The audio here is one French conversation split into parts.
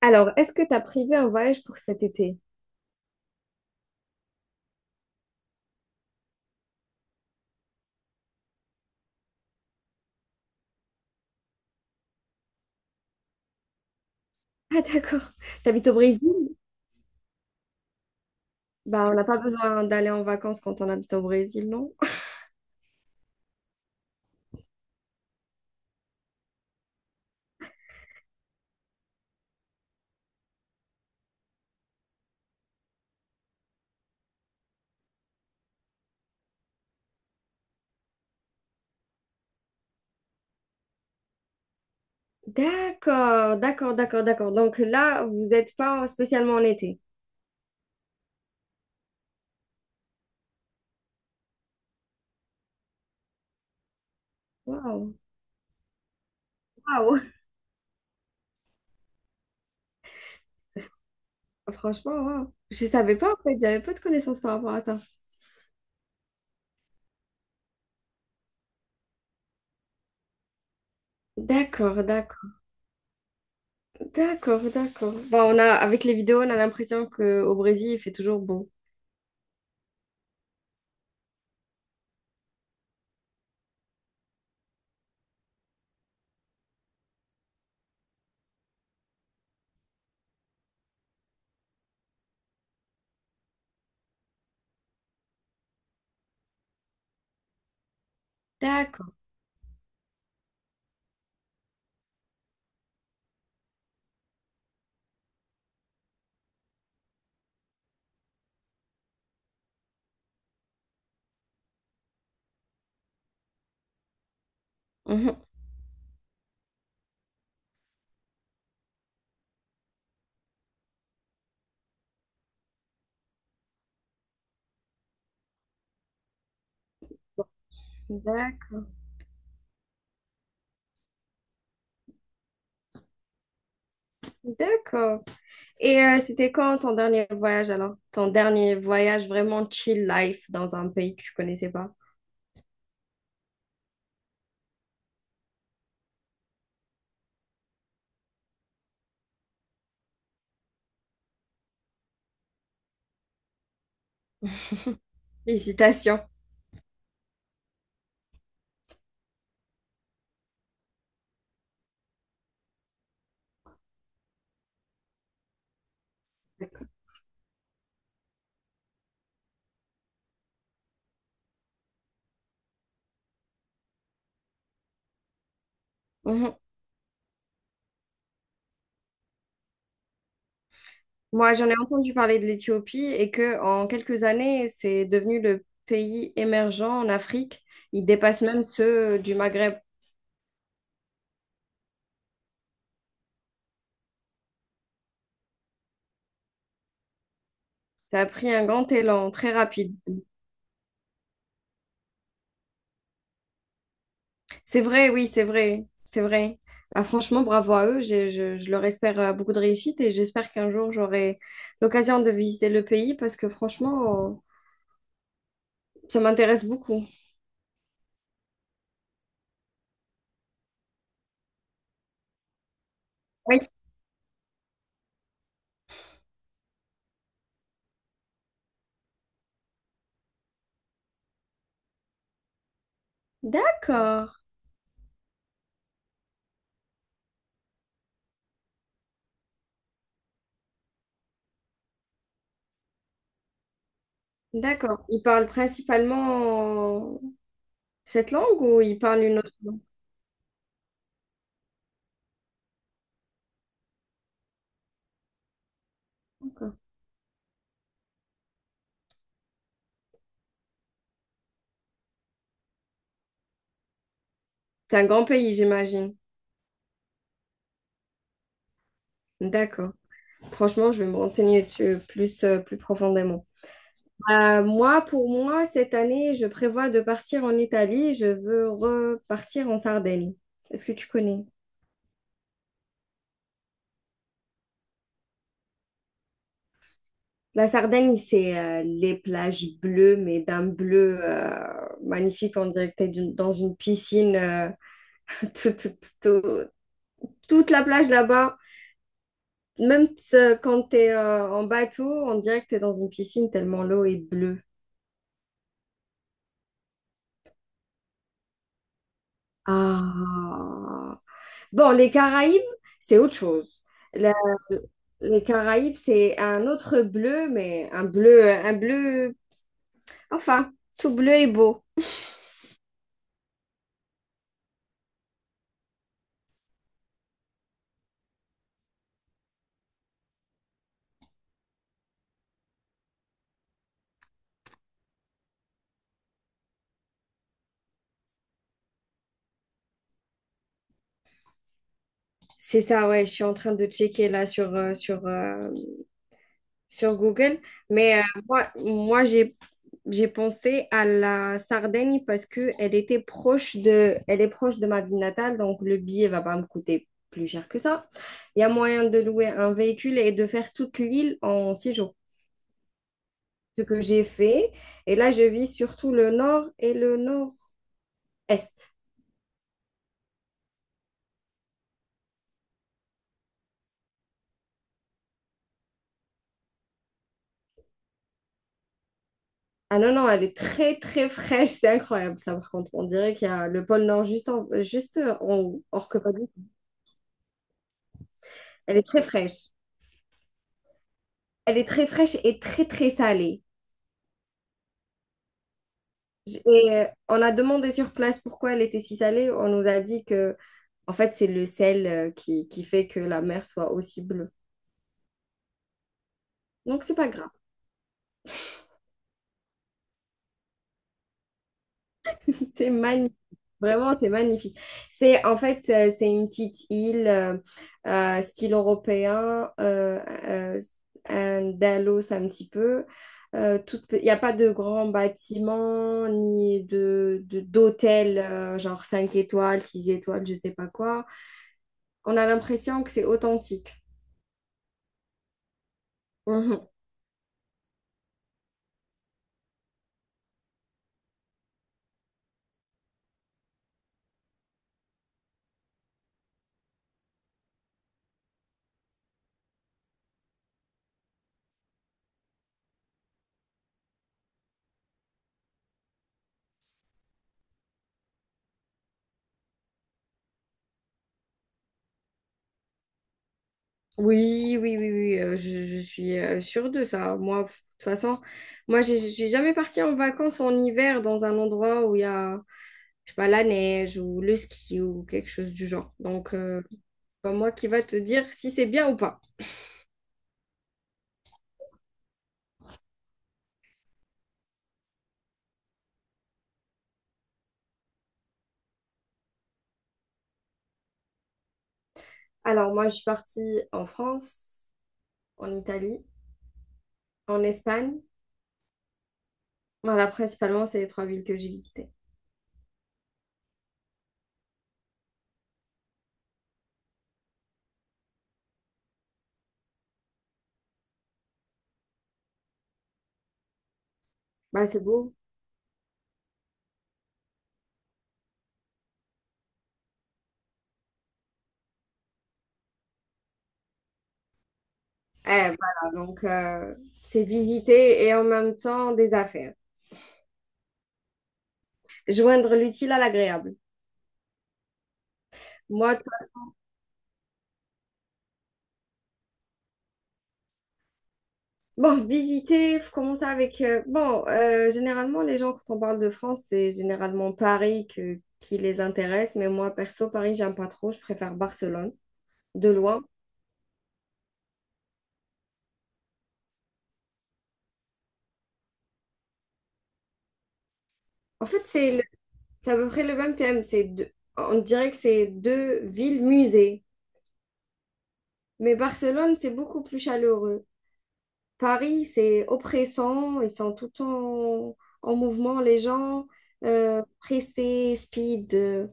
Alors, est-ce que tu as prévu un voyage pour cet été? Ah, d'accord. T'habites au Brésil? Bah, on n'a pas besoin d'aller en vacances quand on habite au Brésil, non? D'accord, d'accord, d'accord, d'accord. Donc là, vous n'êtes pas spécialement en été. Waouh, waouh. Franchement, waouh. Je savais pas en fait, j'avais pas de connaissances par rapport à ça. D'accord, d'accord, d'accord, d'accord. Bon, on a, avec les vidéos, on a l'impression qu'au Brésil, il fait toujours beau. D'accord. Mhm. D'accord. D'accord. Et c'était quand ton dernier voyage alors? Ton dernier voyage vraiment chill life dans un pays que tu connaissais pas? Félicitations. Mhm. Moi, j'en ai entendu parler de l'Éthiopie et que en quelques années, c'est devenu le pays émergent en Afrique. Il dépasse même ceux du Maghreb. Ça a pris un grand élan très rapide. C'est vrai, oui, c'est vrai, c'est vrai. Ah, franchement, bravo à eux. Je leur espère beaucoup de réussite et j'espère qu'un jour j'aurai l'occasion de visiter le pays parce que franchement, ça m'intéresse beaucoup. Oui. D'accord, d'accord. Ils parlent principalement cette langue ou ils parlent une autre langue encore. C'est un grand pays, j'imagine. D'accord. Franchement, je vais me renseigner dessus plus, plus profondément. Pour moi, cette année, je prévois de partir en Italie. Je veux repartir en Sardaigne. Est-ce que tu connais? La Sardaigne, c'est les plages bleues, mais d'un bleu magnifique. On dirait que t'es dans une piscine. Tout- tout- tout- tout- toute la plage là-bas. Même quand t'es en bateau, on dirait que t'es dans une piscine tellement l'eau est bleue. Ah. Bon, les Caraïbes, c'est autre chose. La- les Caraïbes, c'est un autre bleu, mais un bleu, enfin, tout bleu est beau. C'est ça, ouais, je suis en train de checker là sur, sur Google. Mais moi j'ai pensé à la Sardaigne parce que elle est proche de ma ville natale, donc le billet va pas me coûter plus cher que ça. Il y a moyen de louer un véhicule et de faire toute l'île en 6 jours. Ce que j'ai fait. Et là, je vis surtout le nord et le nord-est. Ah non, non, elle est très, très fraîche. C'est incroyable, ça, par contre. On dirait qu'il y a le pôle nord juste juste en haut. Or que pas du tout. Elle est très fraîche. Elle est très fraîche et très, très salée. Et on a demandé sur place pourquoi elle était si salée. On nous a dit que, en fait, c'est le sel qui fait que la mer soit aussi bleue. Donc, c'est pas grave. C'est magnifique. Vraiment, c'est magnifique. C'est en fait, c'est une petite île style européen, euh, Andalos un petit peu. Il n'y a pas de grands bâtiments ni d'hôtels genre 5 étoiles, 6 étoiles, je sais pas quoi. On a l'impression que c'est authentique. Mhm. Oui, oui, oui, oui, je suis sûre de ça. Moi, de toute façon, moi, je suis jamais partie en vacances en hiver dans un endroit où il y a je sais pas, la neige ou le ski ou quelque chose du genre. Donc, c'est pas moi qui va te dire si c'est bien ou pas. Alors, moi, je suis partie en France, en Italie, en Espagne. Voilà, principalement, c'est les trois villes que j'ai visitées. Bah, c'est beau. Eh, voilà, donc, c'est visiter et en même temps des affaires. Joindre l'utile à l'agréable. Moi. Bon, visiter, faut commencer avec. Bon, généralement, les gens, quand on parle de France, c'est généralement Paris qui les intéresse. Mais moi, perso, Paris, j'aime pas trop. Je préfère Barcelone, de loin. En fait, c'est c'est à peu près le même thème. On dirait que c'est deux villes musées. Mais Barcelone, c'est beaucoup plus chaleureux. Paris, c'est oppressant. Ils sont tout le temps en mouvement, les gens. Pressés, speed.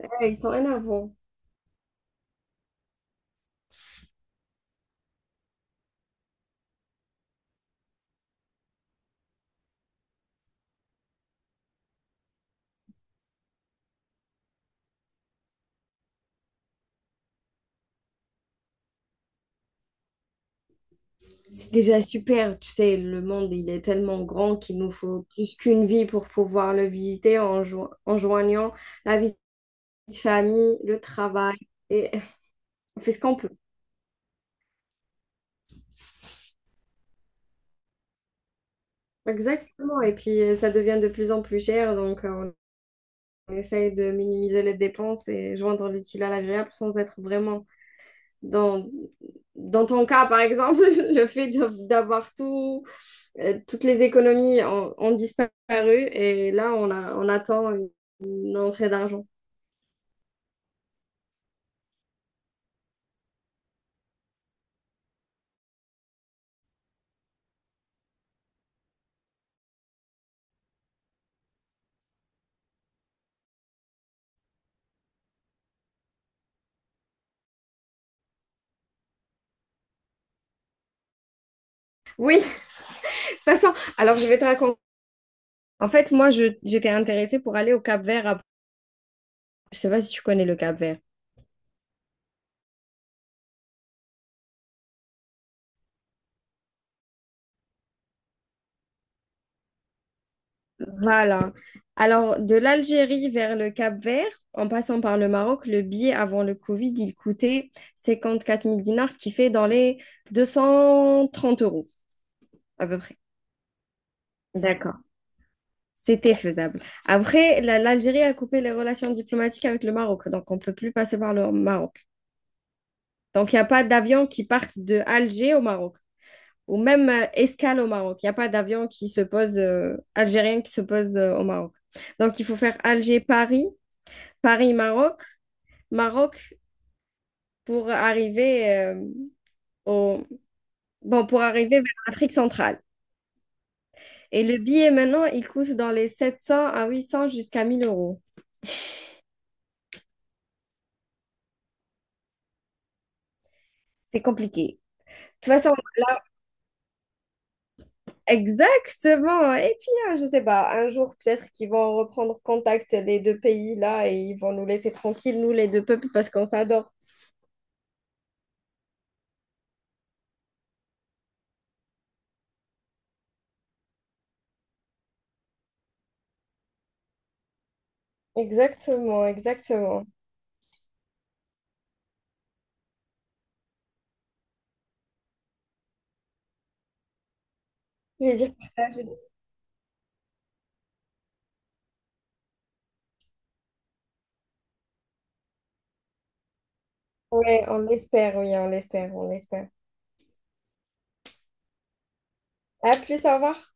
Ouais, ils sont énervants. C'est déjà super, tu sais, le monde, il est tellement grand qu'il nous faut plus qu'une vie pour pouvoir le visiter en joignant la vie de famille, le travail, et on fait ce qu'on peut. Exactement, et puis ça devient de plus en plus cher, donc on essaye de minimiser les dépenses et joindre l'utile à l'agréable sans être vraiment dans. Dans ton cas, par exemple, le fait d'avoir toutes les économies ont disparu et là, on attend une entrée d'argent. Oui, de toute façon, alors je vais te raconter. En fait, moi, j'étais intéressée pour aller au Cap-Vert. Je sais pas si tu connais le Cap-Vert. Voilà. Alors, de l'Algérie vers le Cap-Vert, en passant par le Maroc, le billet avant le Covid, il coûtait 54 mille dinars, qui fait dans les 230 euros à peu près. D'accord. C'était faisable. Après, l'Algérie a coupé les relations diplomatiques avec le Maroc, donc on ne peut plus passer par le Maroc. Donc, il n'y a pas d'avion qui parte de Alger au Maroc. Ou même escale au Maroc. Il n'y a pas d'avion algérien qui se pose au Maroc. Donc, il faut faire Alger-Paris, Paris-Maroc, Maroc pour arriver, au. Bon, pour arriver vers l'Afrique centrale. Et le billet, maintenant, il coûte dans les 700 à 800 jusqu'à 1000 euros. C'est compliqué. De toute façon, là, exactement. Et puis, hein, je sais pas, un jour, peut-être qu'ils vont reprendre contact, les deux pays, là, et ils vont nous laisser tranquilles, nous, les deux peuples, parce qu'on s'adore. Exactement, exactement. Plaisir partagé. Ouais, on l'espère, oui, on l'espère, on l'espère. À plus, au revoir.